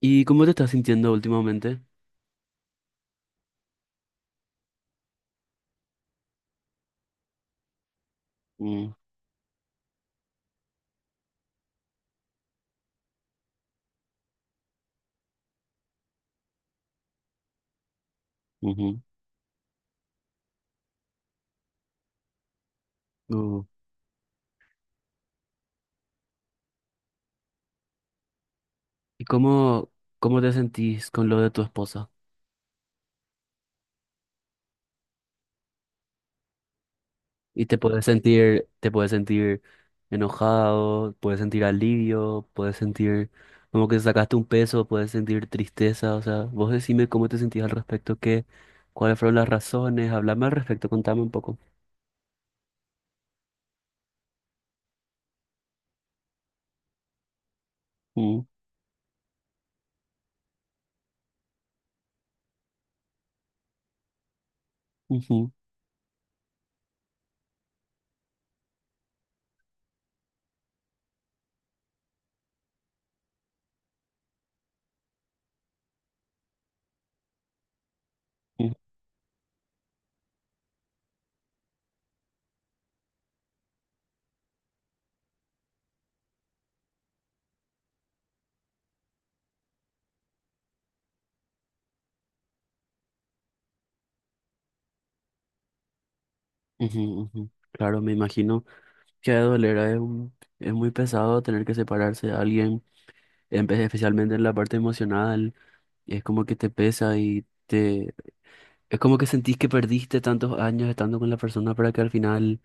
¿Y cómo te estás sintiendo últimamente? Mm, ujú, uh. ¿Y cómo, cómo te sentís con lo de tu esposa? ¿Y te puedes sentir enojado, puedes sentir alivio, puedes sentir como que sacaste un peso, puedes sentir tristeza? O sea, vos decime cómo te sentís al respecto, qué, cuáles fueron las razones, hablame al respecto, contame un poco. Mm, ujú, ujú, ujú, ujú. Claro, me imagino que ha de doler, es un- es muy pesado tener que separarse de alguien especialmente en la parte emocional, es como que te pesa y te... Es como que sentís que perdiste tantos años estando con la persona para que al final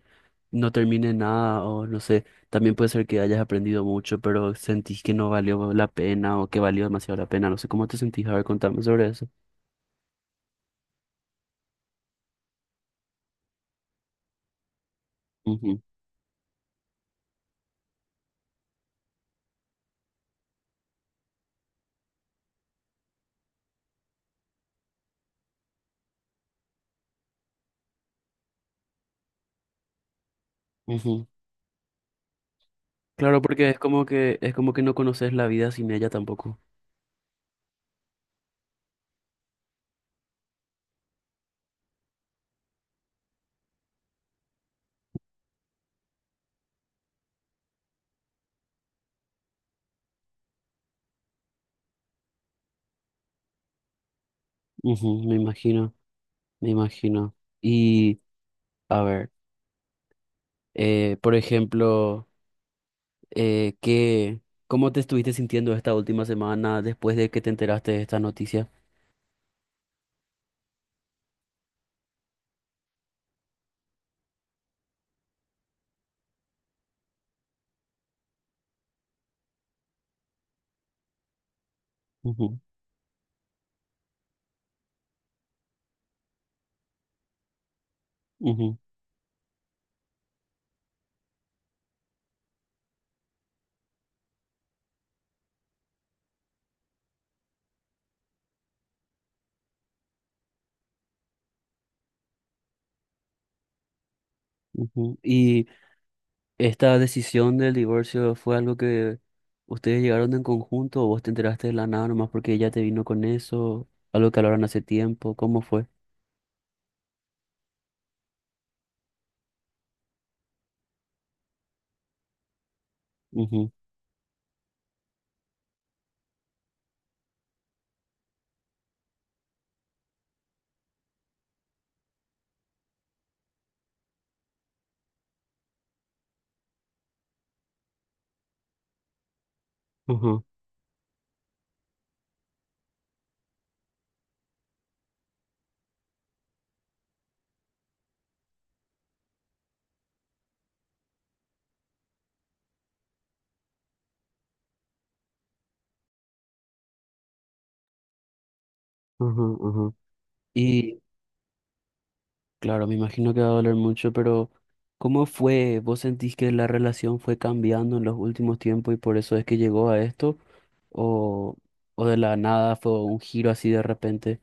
no termine nada o no sé, también puede ser que hayas aprendido mucho, pero sentís que no valió la pena o que valió demasiado la pena, no sé cómo te sentís, a ver, contame sobre eso. Ujú, ujú. Claro, porque es como que no conoces la vida sin ella tampoco. Ujú, me imagino, me imagino. Y a ver, por ejemplo... ¿Qué, cómo te estuviste sintiendo esta última semana después de que te enteraste de esta noticia? Ujú, ujú, ujú. ¿Y esta decisión del divorcio fue algo que ustedes llegaron en conjunto o vos te enteraste de la nada nomás porque ella te vino con eso? ¿Algo que hablaron hace tiempo? ¿Cómo fue? Ujú, ujú, ujú, ujú. Y claro, me imagino que va a doler mucho, pero ¿cómo fue? ¿Vos sentís que la relación fue cambiando en los últimos tiempos y por eso es que llegó a esto? ¿O, o de la nada fue un giro así de repente?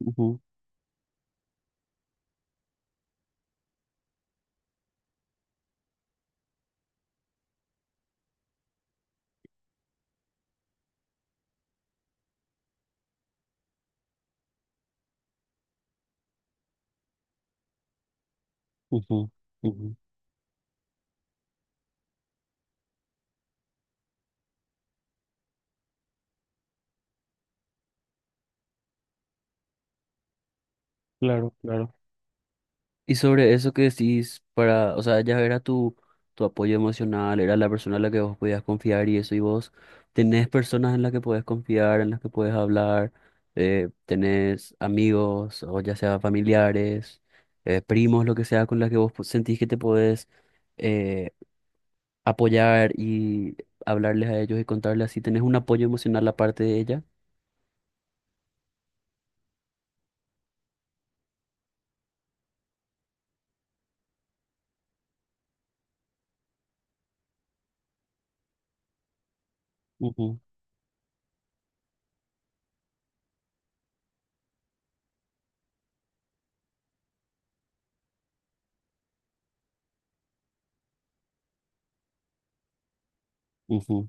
Ujú, ujú, ujú. Claro, claro. Y sobre eso que decís, para, o sea, ya era tu, tu apoyo emocional, era la persona en la que vos podías confiar y eso, y vos tenés personas en las que podés confiar, en las que podés hablar, tenés amigos, o ya sea familiares, primos, lo que sea, con las que vos sentís que te podés eh, apoyar y hablarles a ellos y contarles así, tenés un apoyo emocional aparte de ella. Ujú, ujú,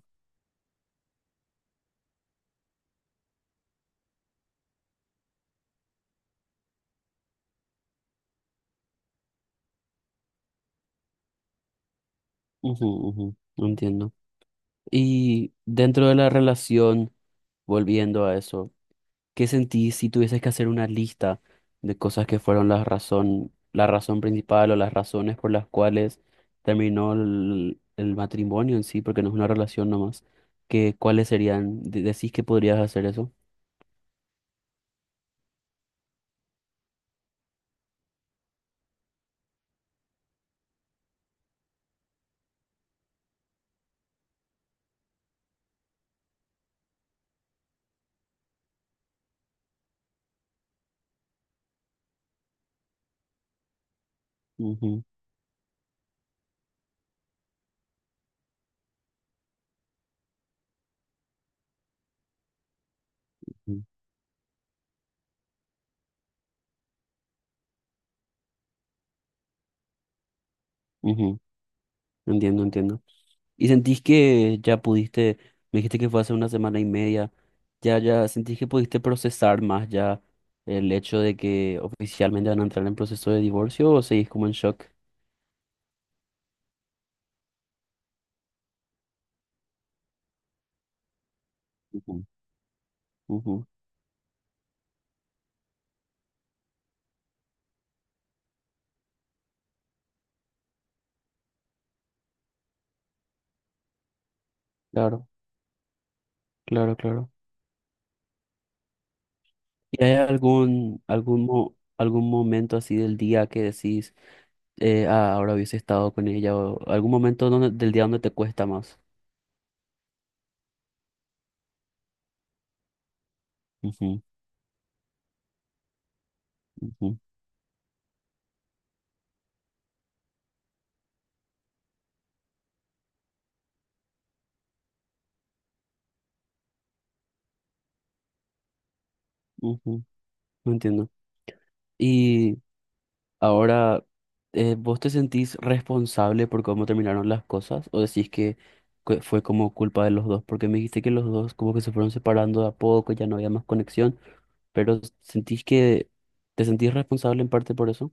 ujú, ujú, no entiendo. Y dentro de la relación, volviendo a eso, ¿qué sentís si tuvieses que hacer una lista de cosas que fueron la razón principal o las razones por las cuales terminó el matrimonio en sí, porque no es una relación nomás? ¿Qué, cuáles serían? ¿Decís que podrías hacer eso? Ujú, ujú, ujú, entiendo, entiendo. ¿Y sentís que ya pudiste, me dijiste que fue hace una semana y media, ya, ya sentís que pudiste procesar más ya el hecho de que oficialmente van a entrar en proceso de divorcio o seguís como en shock? Ujú, ujú, claro, claro, claro. ¿Y hay algún, algún, algún momento así del día que decís, ahora hubiese estado con ella o algún momento del día donde te cuesta más? Ujú, ujú, ujú, no entiendo. Y ahora, ¿vos te sentís responsable por cómo terminaron las cosas? ¿O decís que fue como culpa de los dos? Porque me dijiste que los dos como que se fueron separando de a poco, ya no había más conexión, pero ¿sentís que te sentís responsable en parte por eso?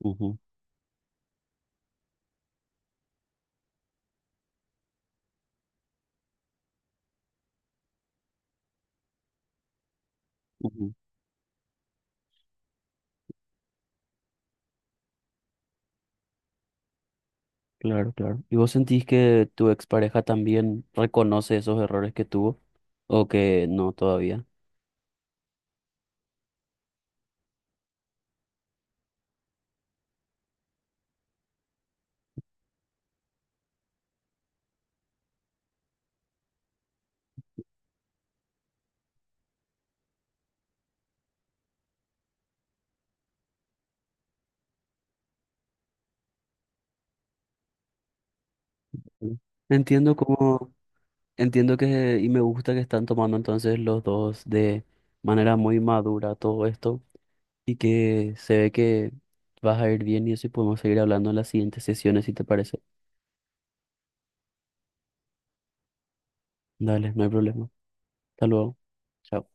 Ujú, ujú, claro, claro. ¿Y vos sentís que tu expareja también reconoce esos errores que tuvo? ¿O que no todavía? Mm. Entiendo cómo... Entiendo que, y me gusta que están tomando entonces los dos de manera muy madura todo esto y que se ve que vas a ir bien y eso y podemos seguir hablando en las siguientes sesiones si te parece. Dale, no hay problema. Hasta luego. Chao.